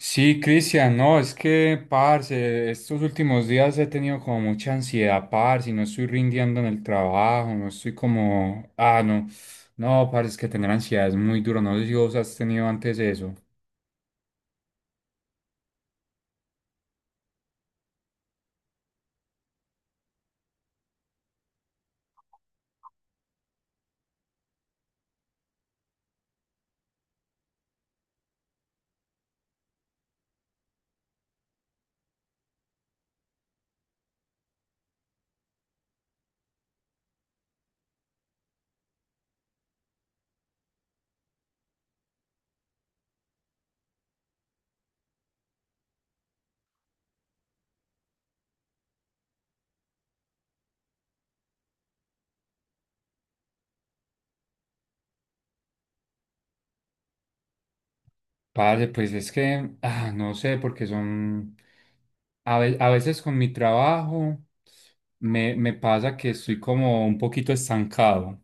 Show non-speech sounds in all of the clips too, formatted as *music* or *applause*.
Sí, Cristian, no, es que, parce, estos últimos días he tenido como mucha ansiedad, parce, y no estoy rindiendo en el trabajo, no estoy como, no, no, parce, es que tener ansiedad es muy duro, no sé si vos has tenido antes eso. Parce, pues es que, no sé, porque son, a veces con mi trabajo me pasa que estoy como un poquito estancado.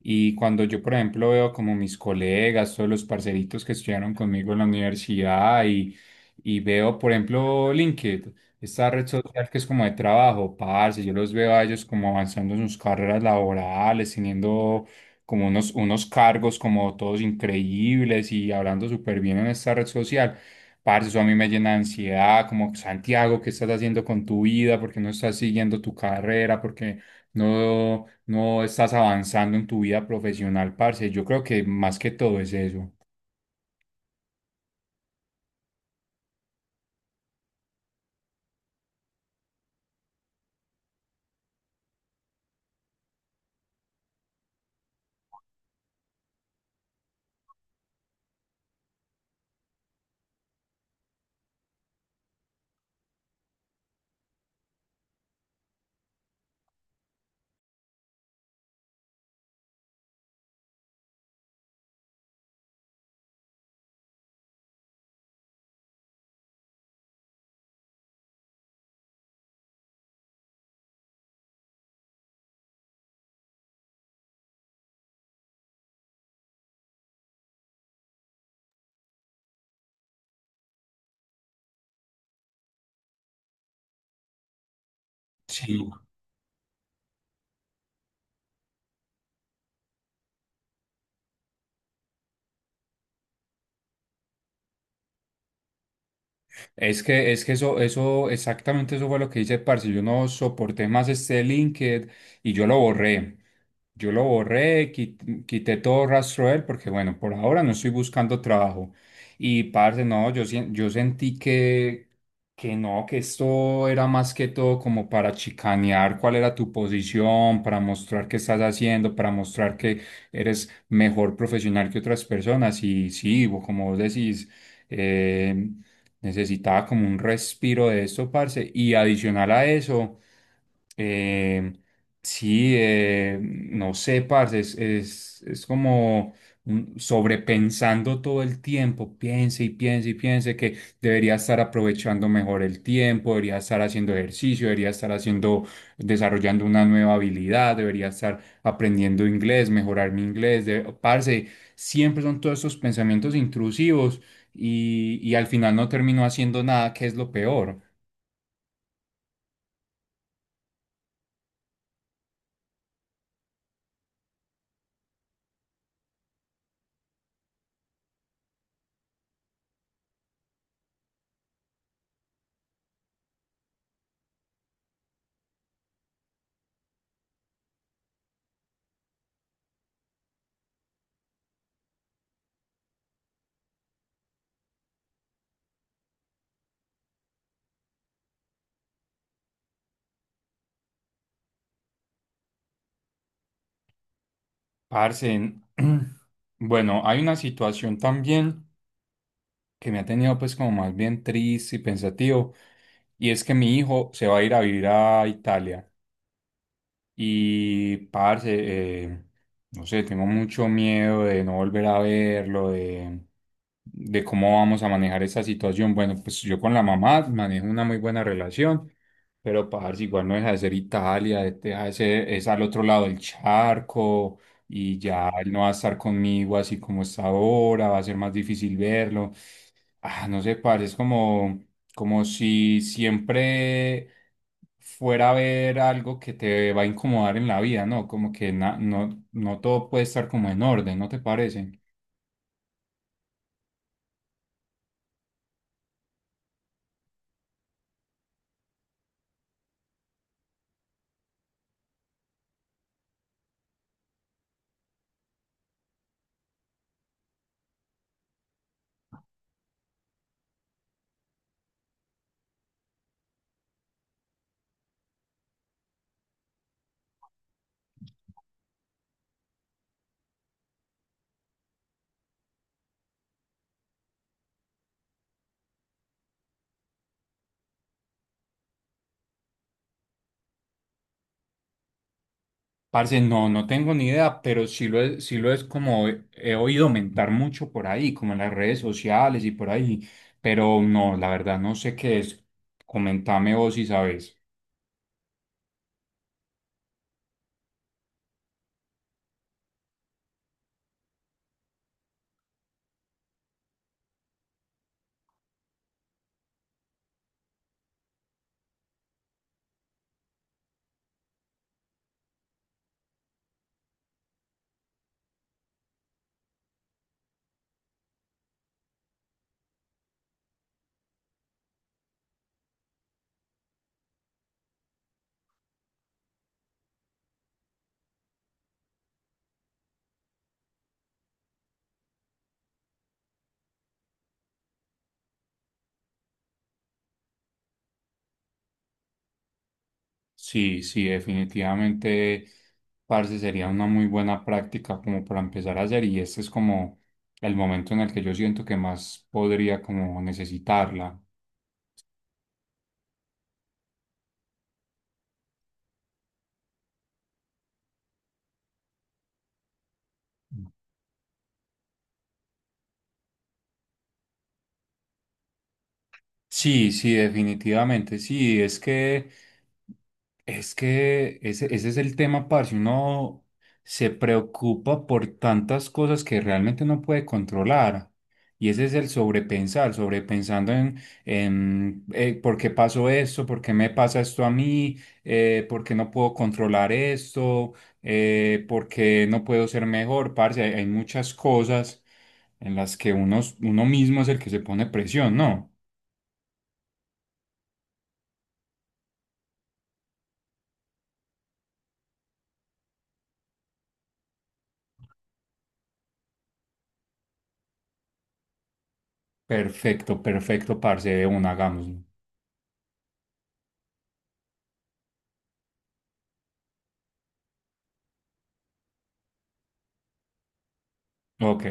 Y cuando yo, por ejemplo, veo como mis colegas, todos los parceritos que estudiaron conmigo en la universidad y veo, por ejemplo, LinkedIn, esta red social que es como de trabajo, parce, yo los veo a ellos como avanzando en sus carreras laborales, teniendo como unos cargos como todos increíbles y hablando súper bien en esta red social. Parce, eso a mí me llena de ansiedad, como Santiago, ¿qué estás haciendo con tu vida? ¿Por qué no estás siguiendo tu carrera? Porque no, no estás avanzando en tu vida profesional, parce. Yo creo que más que todo es eso. Sí. Es que eso, eso, exactamente eso fue lo que hice, parce. Yo no soporté más este LinkedIn y yo lo borré. Yo lo borré, quité todo rastro de él porque, bueno, por ahora no estoy buscando trabajo. Y parce, no, yo, yo sentí que no, que esto era más que todo como para chicanear cuál era tu posición, para mostrar qué estás haciendo, para mostrar que eres mejor profesional que otras personas. Y sí, como vos decís, eh, necesitaba como un respiro de esto, parce. Y adicional a eso. em, Sí, no sé, parce, es como sobrepensando todo el tiempo, piense y piense y piense que debería estar aprovechando mejor el tiempo, debería estar haciendo ejercicio, debería estar haciendo, desarrollando una nueva habilidad, debería estar aprendiendo inglés, mejorar mi inglés, de, parce, siempre son todos esos pensamientos intrusivos y al final no termino haciendo nada, que es lo peor. Parce, *clears throat* bueno, hay una situación también, que me ha tenido pues como más bien triste y pensativo. Y es que mi hijo se va a ir a vivir a Italia. Y, parce, eh, no sé, tengo mucho miedo de no volver a verlo, de cómo vamos a manejar esa situación. Bueno, pues yo con la mamá manejo una muy buena relación, pero, parce, igual no deja de ser Italia, es al otro lado del charco y ya él no va a estar conmigo así como está ahora, va a ser más difícil verlo. No sé, parce, es como, como si siempre fuera a haber algo que te va a incomodar en la vida, ¿no? Como que no, no todo puede estar como en orden, ¿no te parece? Parce, no, no tengo ni idea, pero sí lo es como he oído mentar mucho por ahí, como en las redes sociales y por ahí, pero no, la verdad no sé qué es. Comentame vos si sabes. Sí, sí, definitivamente, parce, sería una muy buena práctica como para empezar a hacer y este es como el momento en el que yo siento que más podría como necesitarla. Sí, sí, definitivamente, sí, es que... Es que ese es el tema, parce. Uno se preocupa por tantas cosas que realmente no puede controlar. Y ese es el sobrepensar, sobrepensando en por qué pasó esto, por qué me pasa esto a mí, por qué no puedo controlar esto, por qué no puedo ser mejor, parce. Hay muchas cosas en las que uno, uno mismo es el que se pone presión, ¿no? Perfecto, perfecto, parce, de una, hagámoslo. Ok.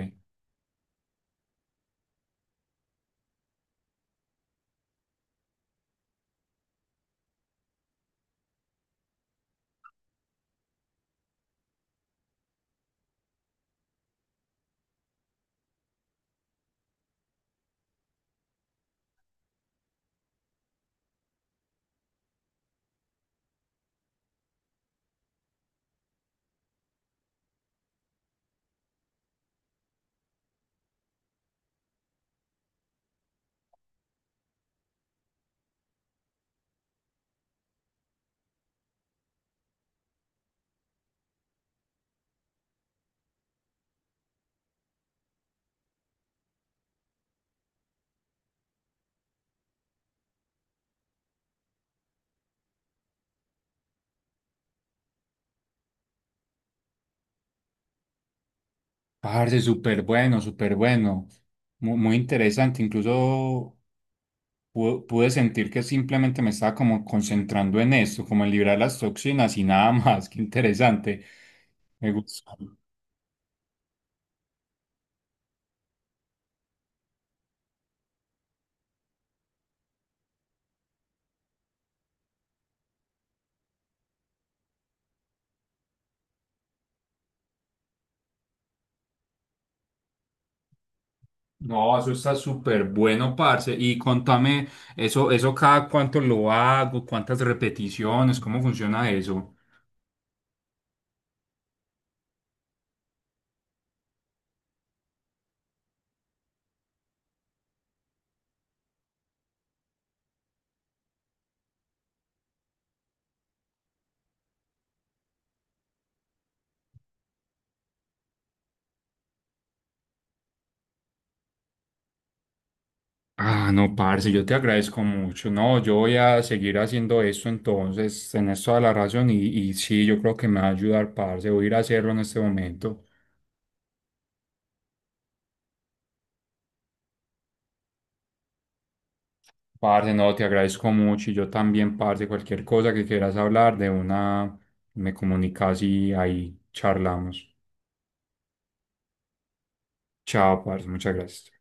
Parce, súper bueno, súper bueno. Muy interesante. Incluso pude sentir que simplemente me estaba como concentrando en esto, como en librar las toxinas y nada más. *laughs* Qué interesante. Me gusta. No, eso está súper bueno, parce. Y contame, eso cada cuánto lo hago, cuántas repeticiones, cómo funciona eso. No, parce, yo te agradezco mucho. No, yo voy a seguir haciendo esto entonces, tenés toda la razón y sí, yo creo que me va a ayudar, parce. Voy a ir a hacerlo en este momento. Parce, no, te agradezco mucho y yo también, parce, cualquier cosa que quieras hablar de una, me comunicas y ahí charlamos. Chao, parce, muchas gracias.